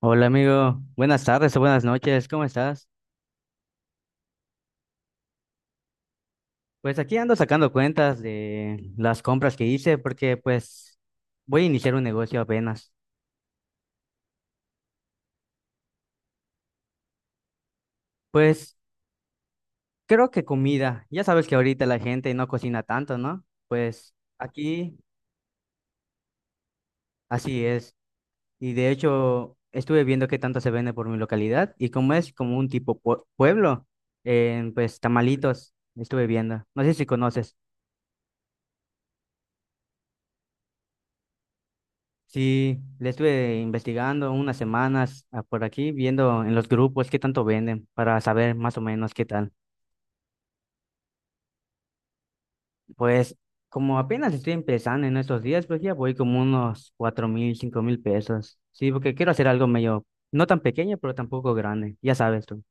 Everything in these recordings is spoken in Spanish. Hola amigo, buenas tardes o buenas noches, ¿cómo estás? Pues aquí ando sacando cuentas de las compras que hice porque pues voy a iniciar un negocio apenas. Pues creo que comida, ya sabes que ahorita la gente no cocina tanto, ¿no? Pues aquí así es. Y de hecho estuve viendo qué tanto se vende por mi localidad y como es como un tipo pueblo, pues tamalitos estuve viendo. No sé si conoces. Sí, le estuve investigando unas semanas por aquí, viendo en los grupos qué tanto venden para saber más o menos qué tal. Pues como apenas estoy empezando en estos días, pues ya voy como unos 4000, 5000 pesos. Sí, porque quiero hacer algo medio, no tan pequeño, pero tampoco grande, ya sabes tú.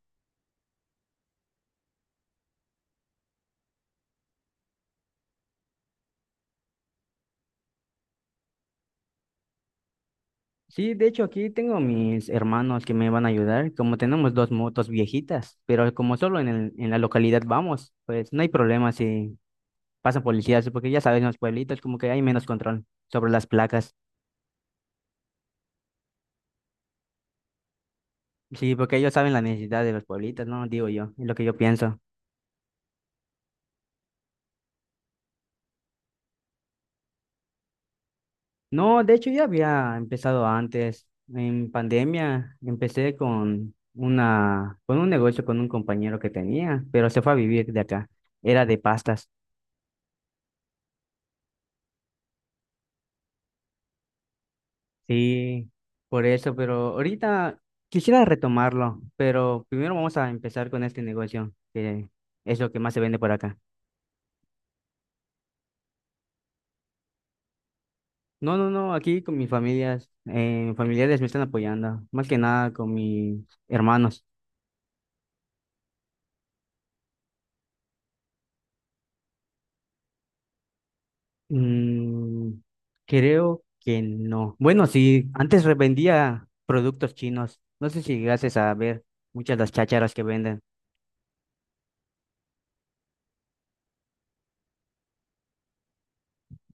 Sí, de hecho aquí tengo mis hermanos que me van a ayudar, como tenemos dos motos viejitas, pero como solo en la localidad vamos, pues no hay problema si pasan policías, sí, porque ya saben, en los pueblitos como que hay menos control sobre las placas. Sí, porque ellos saben la necesidad de los pueblitos, ¿no? Digo yo, es lo que yo pienso. No, de hecho ya había empezado antes. En pandemia empecé con un negocio con un compañero que tenía, pero se fue a vivir de acá. Era de pastas. Sí, por eso, pero ahorita quisiera retomarlo, pero primero vamos a empezar con este negocio, que es lo que más se vende por acá. No, no, no, aquí con mis familias, mis familiares me están apoyando, más que nada con mis hermanos. Mm, creo que no. Bueno, sí, antes vendía productos chinos, no sé si llegases a ver muchas de las chácharas que venden.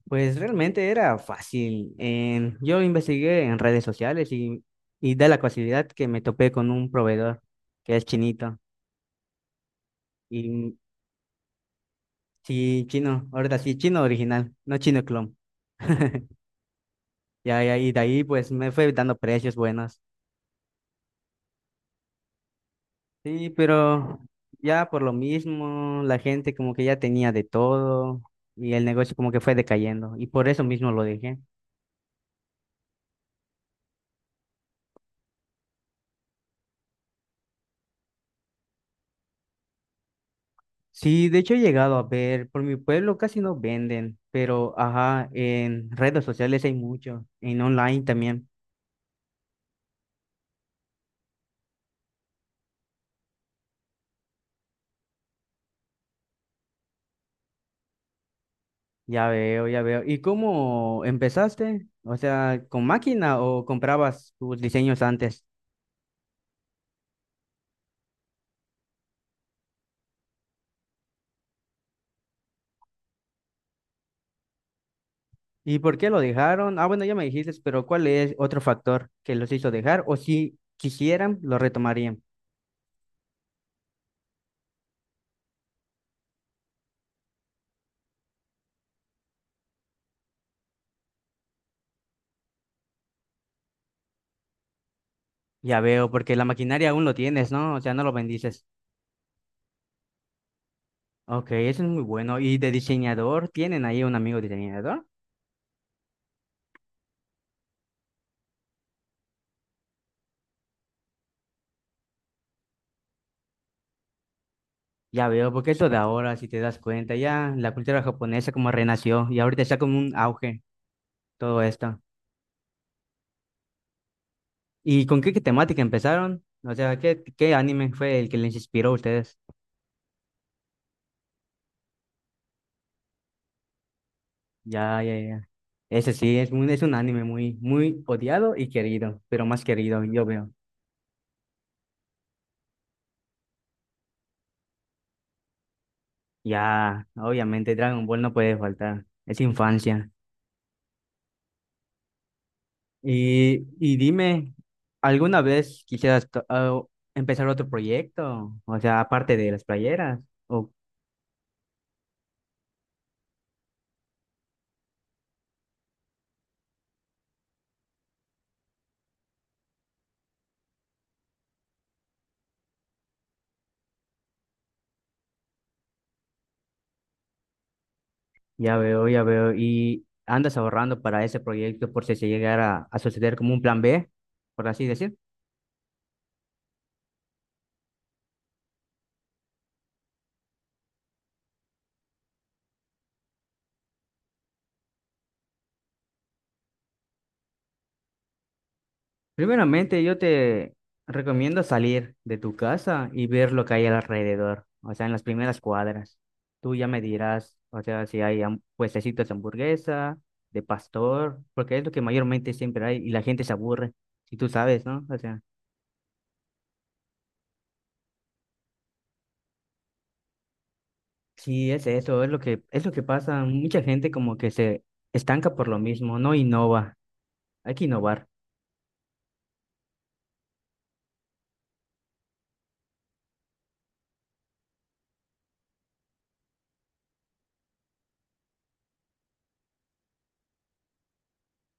Pues realmente era fácil. Yo investigué en redes sociales y da la casualidad que me topé con un proveedor que es chinito. Y sí, chino, ahora sí, chino original, no chino clon. Ya, ya, y de ahí pues me fue dando precios buenos. Sí, pero ya por lo mismo, la gente como que ya tenía de todo y el negocio como que fue decayendo y por eso mismo lo dejé. Sí, de hecho he llegado a ver, por mi pueblo casi no venden, pero ajá, en redes sociales hay mucho, en online también. Ya veo, ya veo. ¿Y cómo empezaste? O sea, ¿con máquina o comprabas tus diseños antes? ¿Y por qué lo dejaron? Ah, bueno, ya me dijiste, pero ¿cuál es otro factor que los hizo dejar? O si quisieran, lo retomarían. Ya veo, porque la maquinaria aún lo tienes, ¿no? O sea, no lo bendices. Ok, eso es muy bueno. ¿Y de diseñador? ¿Tienen ahí un amigo diseñador? Ya veo, porque eso de ahora, si te das cuenta, ya la cultura japonesa como renació y ahorita está como un auge todo esto. ¿Y con qué temática empezaron? O sea, ¿qué anime fue el que les inspiró a ustedes? Ya, ya, ya. Ese sí, es un anime muy, muy odiado y querido, pero más querido, yo veo. Ya, obviamente Dragon Ball no puede faltar, es infancia. Y dime, ¿alguna vez quisieras to- ah, empezar otro proyecto? O sea, aparte de las playeras. Oh, ya veo, ya veo. ¿Y andas ahorrando para ese proyecto por si se llegara a suceder como un plan B, por así decir? Primeramente, yo te recomiendo salir de tu casa y ver lo que hay alrededor, o sea, en las primeras cuadras. Tú ya me dirás, o sea, si hay puestecitos de hamburguesa, de pastor, porque es lo que mayormente siempre hay y la gente se aburre, si tú sabes, ¿no? O sea, sí, es eso, es lo que pasa. Mucha gente como que se estanca por lo mismo, no innova. Hay que innovar.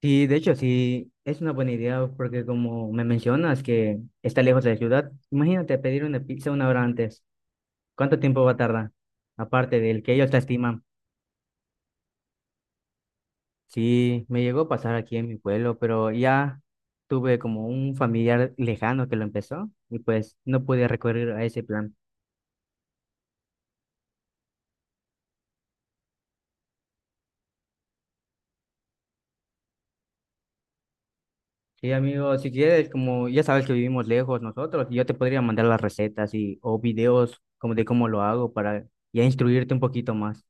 Sí, de hecho, sí, es una buena idea porque como me mencionas que está lejos de la ciudad, imagínate pedir una pizza una hora antes. ¿Cuánto tiempo va a tardar? Aparte del que ellos la estiman. Sí, me llegó a pasar aquí en mi pueblo, pero ya tuve como un familiar lejano que lo empezó y pues no pude recurrir a ese plan. Sí, amigo, si quieres, como ya sabes que vivimos lejos nosotros, yo te podría mandar las recetas y o videos como de cómo lo hago para ya instruirte un poquito más.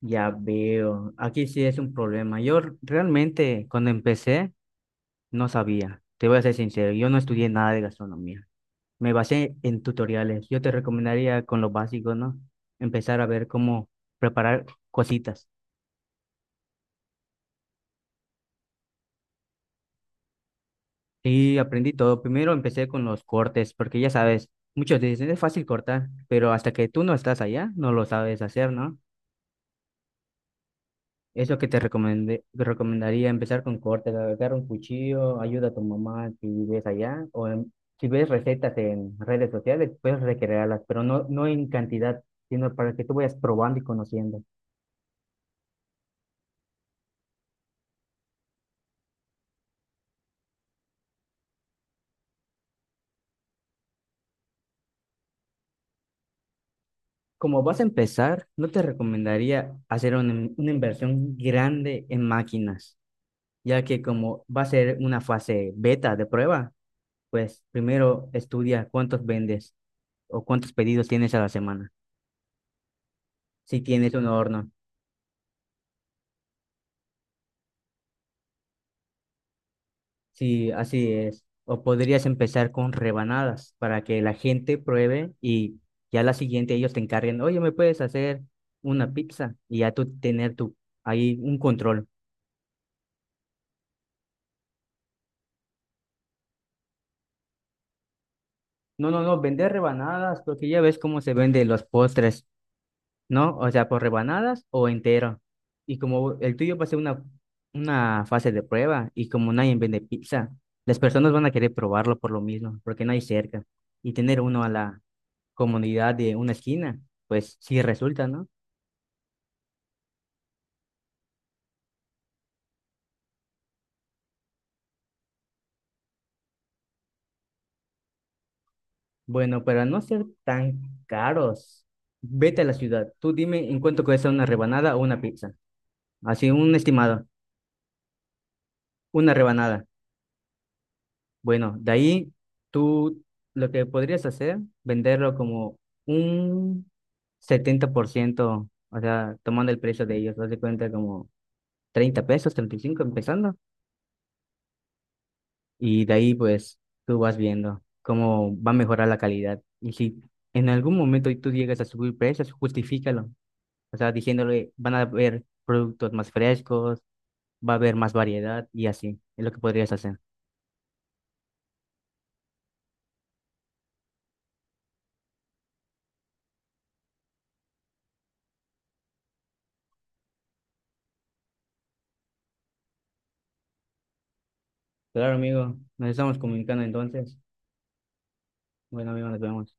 Ya veo, aquí sí es un problema. Yo realmente cuando empecé no sabía, te voy a ser sincero, yo no estudié nada de gastronomía. Me basé en tutoriales. Yo te recomendaría con lo básico, ¿no? Empezar a ver cómo preparar cositas. Y aprendí todo. Primero empecé con los cortes, porque ya sabes, muchos dicen es fácil cortar, pero hasta que tú no estás allá, no lo sabes hacer, ¿no? Es lo que te recomendé, te recomendaría empezar con cortes, agarrar un cuchillo, ayuda a tu mamá si ves allá, si ves recetas en redes sociales, puedes recrearlas, pero no, no en cantidad, sino para que tú vayas probando y conociendo. Como vas a empezar, no te recomendaría una inversión grande en máquinas, ya que como va a ser una fase beta de prueba, pues primero estudia cuántos vendes o cuántos pedidos tienes a la semana. Si tienes un horno. Sí, así es. O podrías empezar con rebanadas para que la gente pruebe y ya la siguiente ellos te encarguen, oye, ¿me puedes hacer una pizza? Y ya tú tener tu, ahí un control. No, no, no, vender rebanadas porque ya ves cómo se venden los postres, ¿no? O sea, por rebanadas o entero. Y como el tuyo va a ser una fase de prueba y como nadie vende pizza, las personas van a querer probarlo por lo mismo, porque no hay cerca. Y tener uno a la, comunidad de una esquina, pues sí resulta, ¿no? Bueno, para no ser tan caros, vete a la ciudad. Tú dime en cuánto cuesta una rebanada o una pizza. Así, un estimado, una rebanada. Bueno, de ahí tú lo que podrías hacer, venderlo como un 70%, o sea, tomando el precio de ellos, haz de cuenta como 30 pesos, 35 empezando. Y de ahí pues tú vas viendo cómo va a mejorar la calidad. Y si en algún momento tú llegas a subir precios, justifícalo. O sea, diciéndole, van a haber productos más frescos, va a haber más variedad y así. Es lo que podrías hacer. Claro, amigo. Nos estamos comunicando entonces. Bueno, amigo, nos vemos.